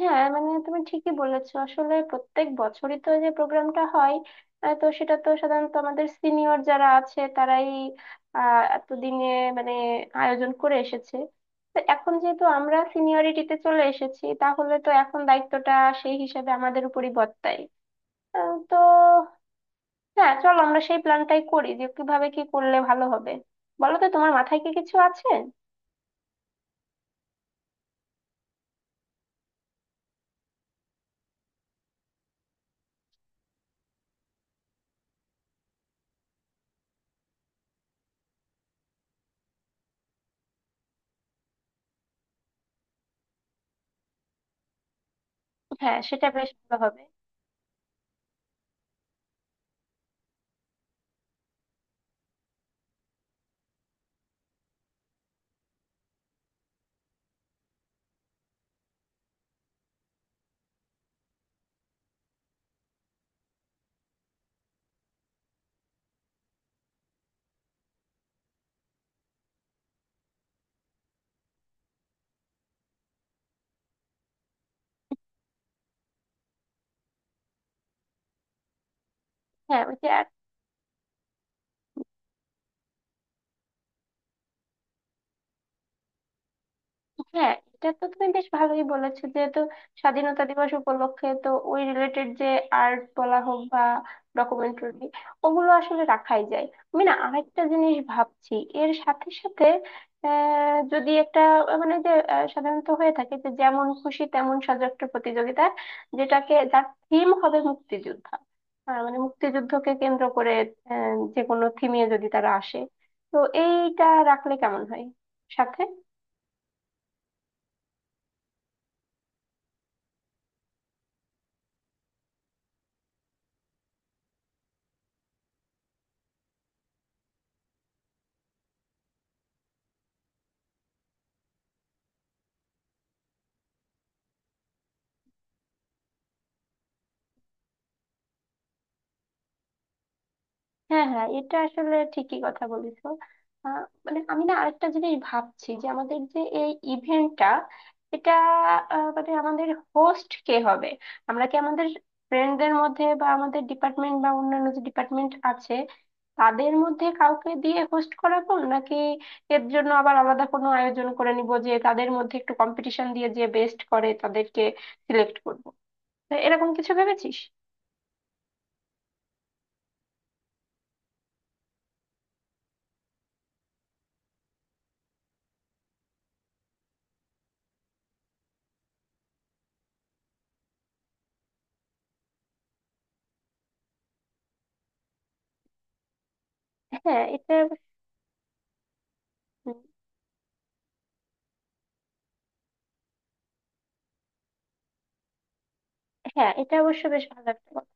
হ্যাঁ, মানে তুমি ঠিকই বলেছো। আসলে প্রত্যেক বছরই তো যে প্রোগ্রামটা হয়, তো সেটা তো সাধারণত আমাদের সিনিয়র যারা আছে তারাই এতদিনে মানে আয়োজন করে এসেছে। তো এখন যেহেতু আমরা সিনিয়রিটিতে চলে এসেছি, তাহলে তো এখন দায়িত্বটা সেই হিসাবে আমাদের উপরই বর্তায়। তো হ্যাঁ, চলো আমরা সেই প্ল্যানটাই করি যে কিভাবে কি করলে ভালো হবে। বলো তো, তোমার মাথায় কি কিছু আছে? হ্যাঁ, সেটা বেশ ভালো হবে। হ্যাঁ, ওই যে। হ্যাঁ, এটা তো তুমি বেশ ভালোই বলেছো। যেহেতু স্বাধীনতা দিবস উপলক্ষে, তো ওই রিলেটেড যে আর্ট বলা হোক বা ডকুমেন্টারি, ওগুলো আসলে রাখাই যায়। আমি না আরেকটা জিনিস ভাবছি এর সাথে সাথে, যদি একটা মানে যে সাধারণত হয়ে থাকে যে যেমন খুশি তেমন সাজো, একটা প্রতিযোগিতা, যেটাকে যার থিম হবে মুক্তিযোদ্ধা, মানে মুক্তিযুদ্ধকে কেন্দ্র করে যে কোনো থিমে যদি তারা আসে, তো এইটা রাখলে কেমন হয় সাথে। হ্যাঁ হ্যাঁ, এটা আসলে ঠিকই কথা বলেছো। আহ, মানে আমি না আরেকটা জিনিস ভাবছি যে আমাদের যে এই ইভেন্টটা, এটা মানে আমাদের হোস্ট কে হবে? আমরা কি আমাদের ফ্রেন্ডদের মধ্যে বা আমাদের ডিপার্টমেন্ট বা অন্যান্য যে ডিপার্টমেন্ট আছে তাদের মধ্যে কাউকে দিয়ে হোস্ট করাবো, নাকি এর জন্য আবার আলাদা কোনো আয়োজন করে নিব যে তাদের মধ্যে একটু কম্পিটিশন দিয়ে যে বেস্ট করে তাদেরকে সিলেক্ট করবো? তো এরকম কিছু ভেবেছিস? হ্যাঁ, এটা। হুম, হ্যাঁ, এটা অবশ্য বেশ ভালো একটা কথা।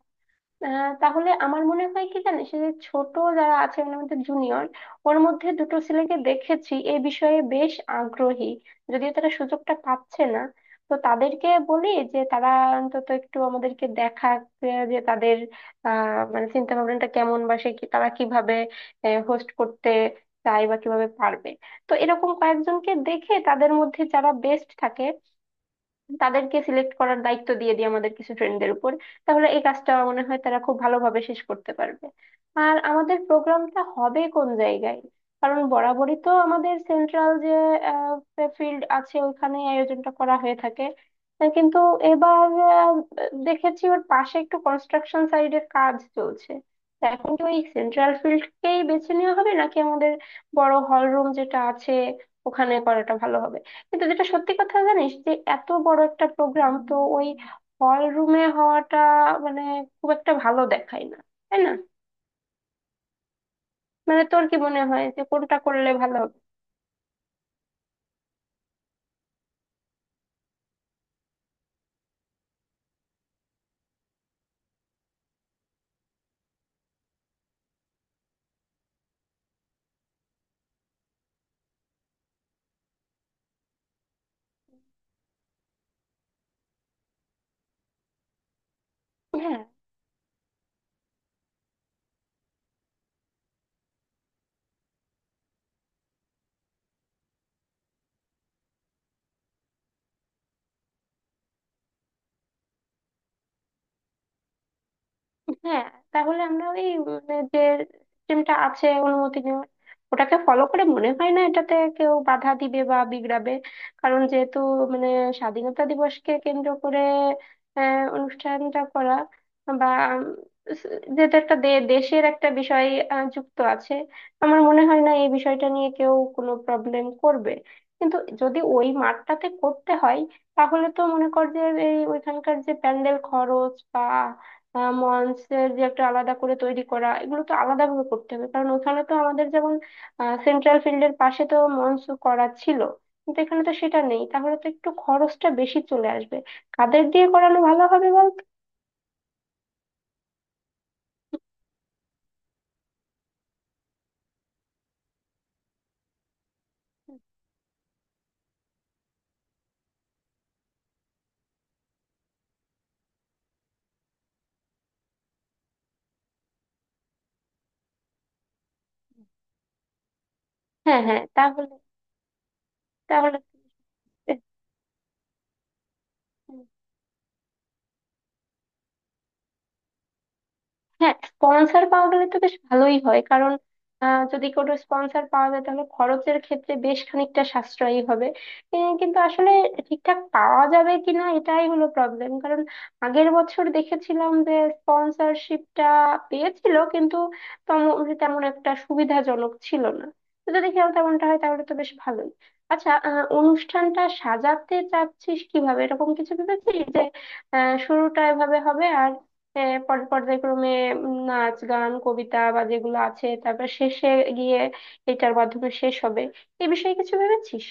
তাহলে আমার মনে হয় কি জানিস, এই যে ছোট যারা আছে মানে আমাদের জুনিয়র, ওর মধ্যে দুটো ছেলেকে দেখেছি এ বিষয়ে বেশ আগ্রহী, যদিও তারা সুযোগটা পাচ্ছে না। তো তাদেরকে বলি যে তারা অন্তত একটু আমাদেরকে দেখাক যে তাদের আহ মানে চিন্তা ভাবনাটা কেমন, বা সে কি তারা কিভাবে হোস্ট করতে চায় বা কিভাবে পারবে। তো এরকম কয়েকজনকে দেখে তাদের মধ্যে যারা বেস্ট থাকে তাদেরকে সিলেক্ট করার দায়িত্ব দিয়ে দিই আমাদের কিছু ট্রেনদের উপর। তাহলে এই কাজটা মনে হয় তারা খুব ভালোভাবে শেষ করতে পারবে। আর আমাদের প্রোগ্রামটা হবে কোন জায়গায়? কারণ বরাবরই তো আমাদের সেন্ট্রাল যে ফিল্ড আছে ওখানে আয়োজনটা করা হয়ে থাকে। কিন্তু এবার দেখেছি ওর পাশে একটু কনস্ট্রাকশন সাইডের কাজ চলছে। তা এখন কি ওই সেন্ট্রাল ফিল্ডকেই বেছে নেওয়া হবে, নাকি আমাদের বড় হল রুম যেটা আছে ওখানে করাটা ভালো হবে? কিন্তু যেটা সত্যি কথা জানিস, যে এত বড় একটা প্রোগ্রাম তো ওই হল রুমে হওয়াটা মানে খুব একটা ভালো দেখায় না, তাই না? মানে তোর কি মনে হয় যে কোনটা করলে ভালো হবে? হ্যাঁ হ্যাঁ, তাহলে আমরা ওই যে সিস্টেমটা আছে অনুমতি নেওয়ার, ওটাকে ফলো করে মনে হয় না এটাতে কেউ বাধা দিবে বা বিগড়াবে। কারণ যেহেতু মানে স্বাধীনতা দিবসকে কেন্দ্র করে অনুষ্ঠানটা করা, বা উম, যেহেতু একটা দেশের একটা বিষয় যুক্ত আছে, আমার মনে হয় না এই বিষয়টা নিয়ে কেউ কোনো প্রবলেম করবে। কিন্তু যদি ওই মাঠটাতে করতে হয়, তাহলে তো মনে কর যে এই ওইখানকার যে প্যান্ডেল খরচ বা মঞ্চের যে একটা আলাদা করে তৈরি করা, এগুলো তো আলাদা ভাবে করতে হবে। কারণ ওখানে তো আমাদের, যেমন সেন্ট্রাল ফিল্ডের পাশে তো মঞ্চ করা ছিল, কিন্তু এখানে তো সেটা নেই, তাহলে তো একটু খরচটা বেশি চলে আসবে। কাদের দিয়ে করানো ভালো হবে বলতো? হ্যাঁ হ্যাঁ, তাহলে। তাহলে। হ্যাঁ, স্পন্সর পাওয়া গেলে তো বেশ ভালোই হয়। কারণ যদি কোনো স্পন্সর পাওয়া যায় তাহলে খরচের ক্ষেত্রে বেশ খানিকটা সাশ্রয়ী হবে। কিন্তু আসলে ঠিকঠাক পাওয়া যাবে কিনা এটাই হলো প্রবলেম। কারণ আগের বছর দেখেছিলাম যে স্পন্সরশিপটা পেয়েছিল, কিন্তু তেমন তেমন একটা সুবিধাজনক ছিল না। তো যদি খেয়াল তেমনটা হয় তাহলে তো বেশ ভালোই। আচ্ছা, অনুষ্ঠানটা সাজাতে চাচ্ছিস কিভাবে? এরকম কিছু ভেবেছিস যে শুরুটা এভাবে হবে আর পর্যায়ক্রমে নাচ গান কবিতা বা যেগুলো আছে, তারপর শেষে গিয়ে এটার মাধ্যমে শেষ হবে? এই বিষয়ে কিছু ভেবেছিস?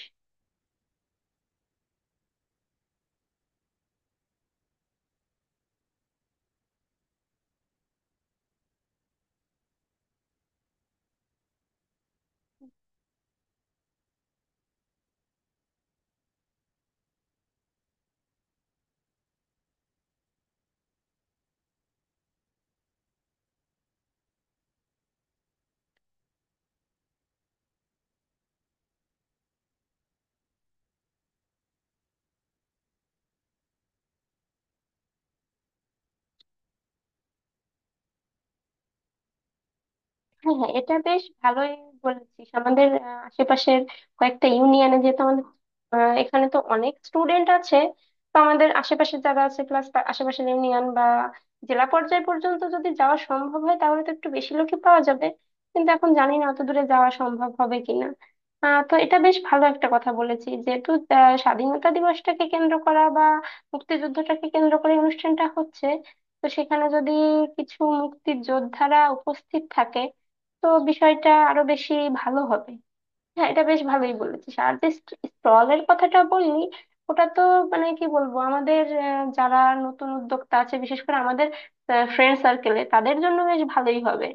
হ্যাঁ হ্যাঁ, এটা বেশ ভালোই বলেছিস। আমাদের আশেপাশের কয়েকটা ইউনিয়নে যেহেতু আমাদের এখানে তো অনেক স্টুডেন্ট আছে, তো আমাদের আশেপাশে যারা আছে, প্লাস আশেপাশের ইউনিয়ন বা জেলা পর্যায় পর্যন্ত যদি যাওয়া সম্ভব হয় তাহলে তো একটু বেশি লোকই পাওয়া যাবে। কিন্তু এখন জানি না অত দূরে যাওয়া সম্ভব হবে কিনা। তো এটা বেশ ভালো একটা কথা বলেছি। যেহেতু স্বাধীনতা দিবসটাকে কেন্দ্র করা বা মুক্তিযুদ্ধটাকে কেন্দ্র করে অনুষ্ঠানটা হচ্ছে, তো সেখানে যদি কিছু মুক্তির যোদ্ধারা উপস্থিত থাকে তো বিষয়টা আরো বেশি ভালো হবে। হ্যাঁ, এটা বেশ ভালোই বলেছিস। আর যে স্টলের কথাটা বললি, ওটা তো মানে কি বলবো, আমাদের যারা নতুন উদ্যোক্তা আছে বিশেষ করে আমাদের ফ্রেন্ড সার্কেলে, তাদের জন্য বেশ ভালোই হবে।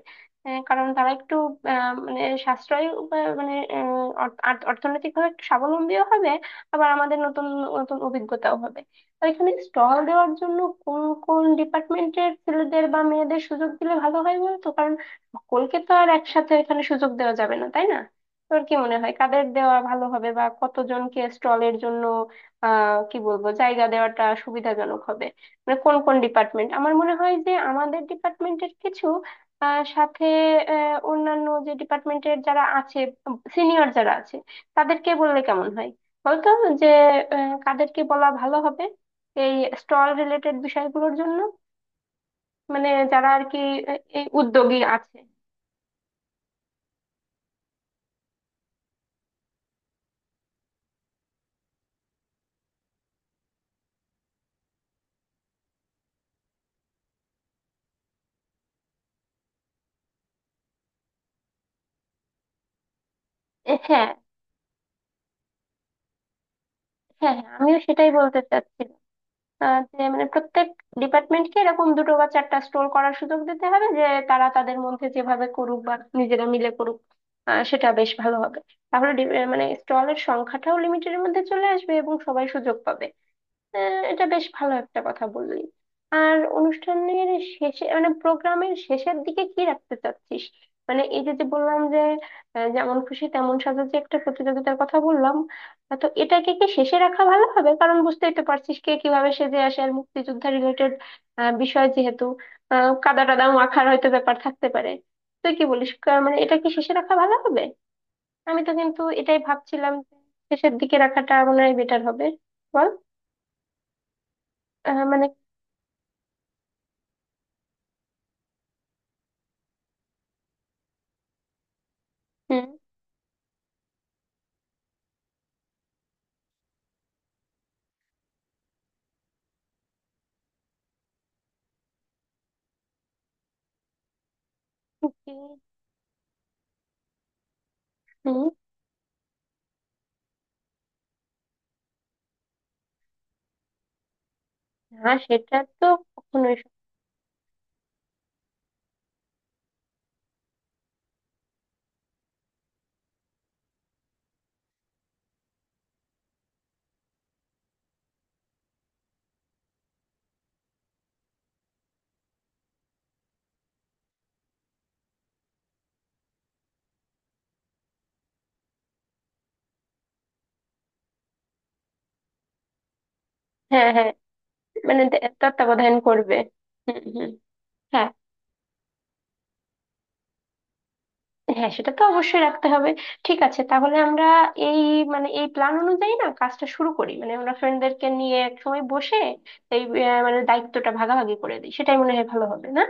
কারণ তারা একটু মানে সাশ্রয় উপায়, মানে অর্থনৈতিকভাবে একটু স্বাবলম্বীও হবে। আবার আমাদের নতুন নতুন অভিজ্ঞতাও হবে। তো এখানে স্টল দেওয়ার জন্য কোন কোন ডিপার্টমেন্টের ছেলেদের বা মেয়েদের সুযোগ দিলে ভালো হয় বলতো? কারণ সকলকে তো আর একসাথে এখানে সুযোগ দেওয়া যাবে না, তাই না? তোর কি মনে হয় কাদের দেওয়া ভালো হবে বা কতজনকে স্টলের জন্য কি বলবো, জায়গা দেওয়াটা সুবিধাজনক হবে? মানে কোন কোন ডিপার্টমেন্ট? আমার মনে হয় যে আমাদের ডিপার্টমেন্টের কিছু, সাথে অন্যান্য যে ডিপার্টমেন্টের যারা আছে, সিনিয়র যারা আছে, তাদেরকে বললে কেমন হয়? বলতো যে কাদেরকে বলা ভালো হবে এই স্টল রিলেটেড বিষয়গুলোর জন্য, মানে যারা আর কি এই উদ্যোগী আছে। এ, হ্যাঁ। হ্যাঁ হ্যাঁ, আমিও সেটাই বলতে চাচ্ছি। যে মানে প্রত্যেক ডিপার্টমেন্টকে এরকম দুটো বা চারটা স্টোর করার সুযোগ দিতে হবে, যে তারা তাদের মধ্যে যেভাবে করুক বা নিজেরা মিলে করুক, সেটা বেশ ভালো হবে। তাহলে মানে স্টলের সংখ্যাটাও লিমিটের মধ্যে চলে আসবে এবং সবাই সুযোগ পাবে। আহ, এটা বেশ ভালো একটা কথা বললি। আর অনুষ্ঠানের শেষে মানে প্রোগ্রামের শেষের দিকে কি রাখতে চাচ্ছিস? মানে এই যে যে বললাম যে যেমন খুশি তেমন সাজো যে একটা প্রতিযোগিতার কথা বললাম, তো এটাকে কি শেষে রাখা ভালো হবে? কারণ বুঝতেই তো পারছিস কে কিভাবে সেজে আসে। আর মুক্তিযোদ্ধা রিলেটেড বিষয় যেহেতু, কাদা টাদা মাখার হয়তো ব্যাপার থাকতে পারে। তুই কি বলিস, মানে এটা কি শেষে রাখা ভালো হবে? আমি তো কিন্তু এটাই ভাবছিলাম যে শেষের দিকে রাখাটা মনে হয় বেটার হবে। বল। মানে হুম হুম, হুম, না সেটা তো কখনোই হ্যাঁ হ্যাঁ, মানে তত্ত্বাবধান করবে। হুম হুম। হ্যাঁ হ্যাঁ, সেটা তো অবশ্যই রাখতে হবে। ঠিক আছে, তাহলে আমরা এই মানে এই প্ল্যান অনুযায়ী না কাজটা শুরু করি, মানে আমরা ফ্রেন্ডদেরকে নিয়ে এক সময় বসে এই মানে দায়িত্বটা ভাগাভাগি করে দিই, সেটাই মনে হয় ভালো হবে না?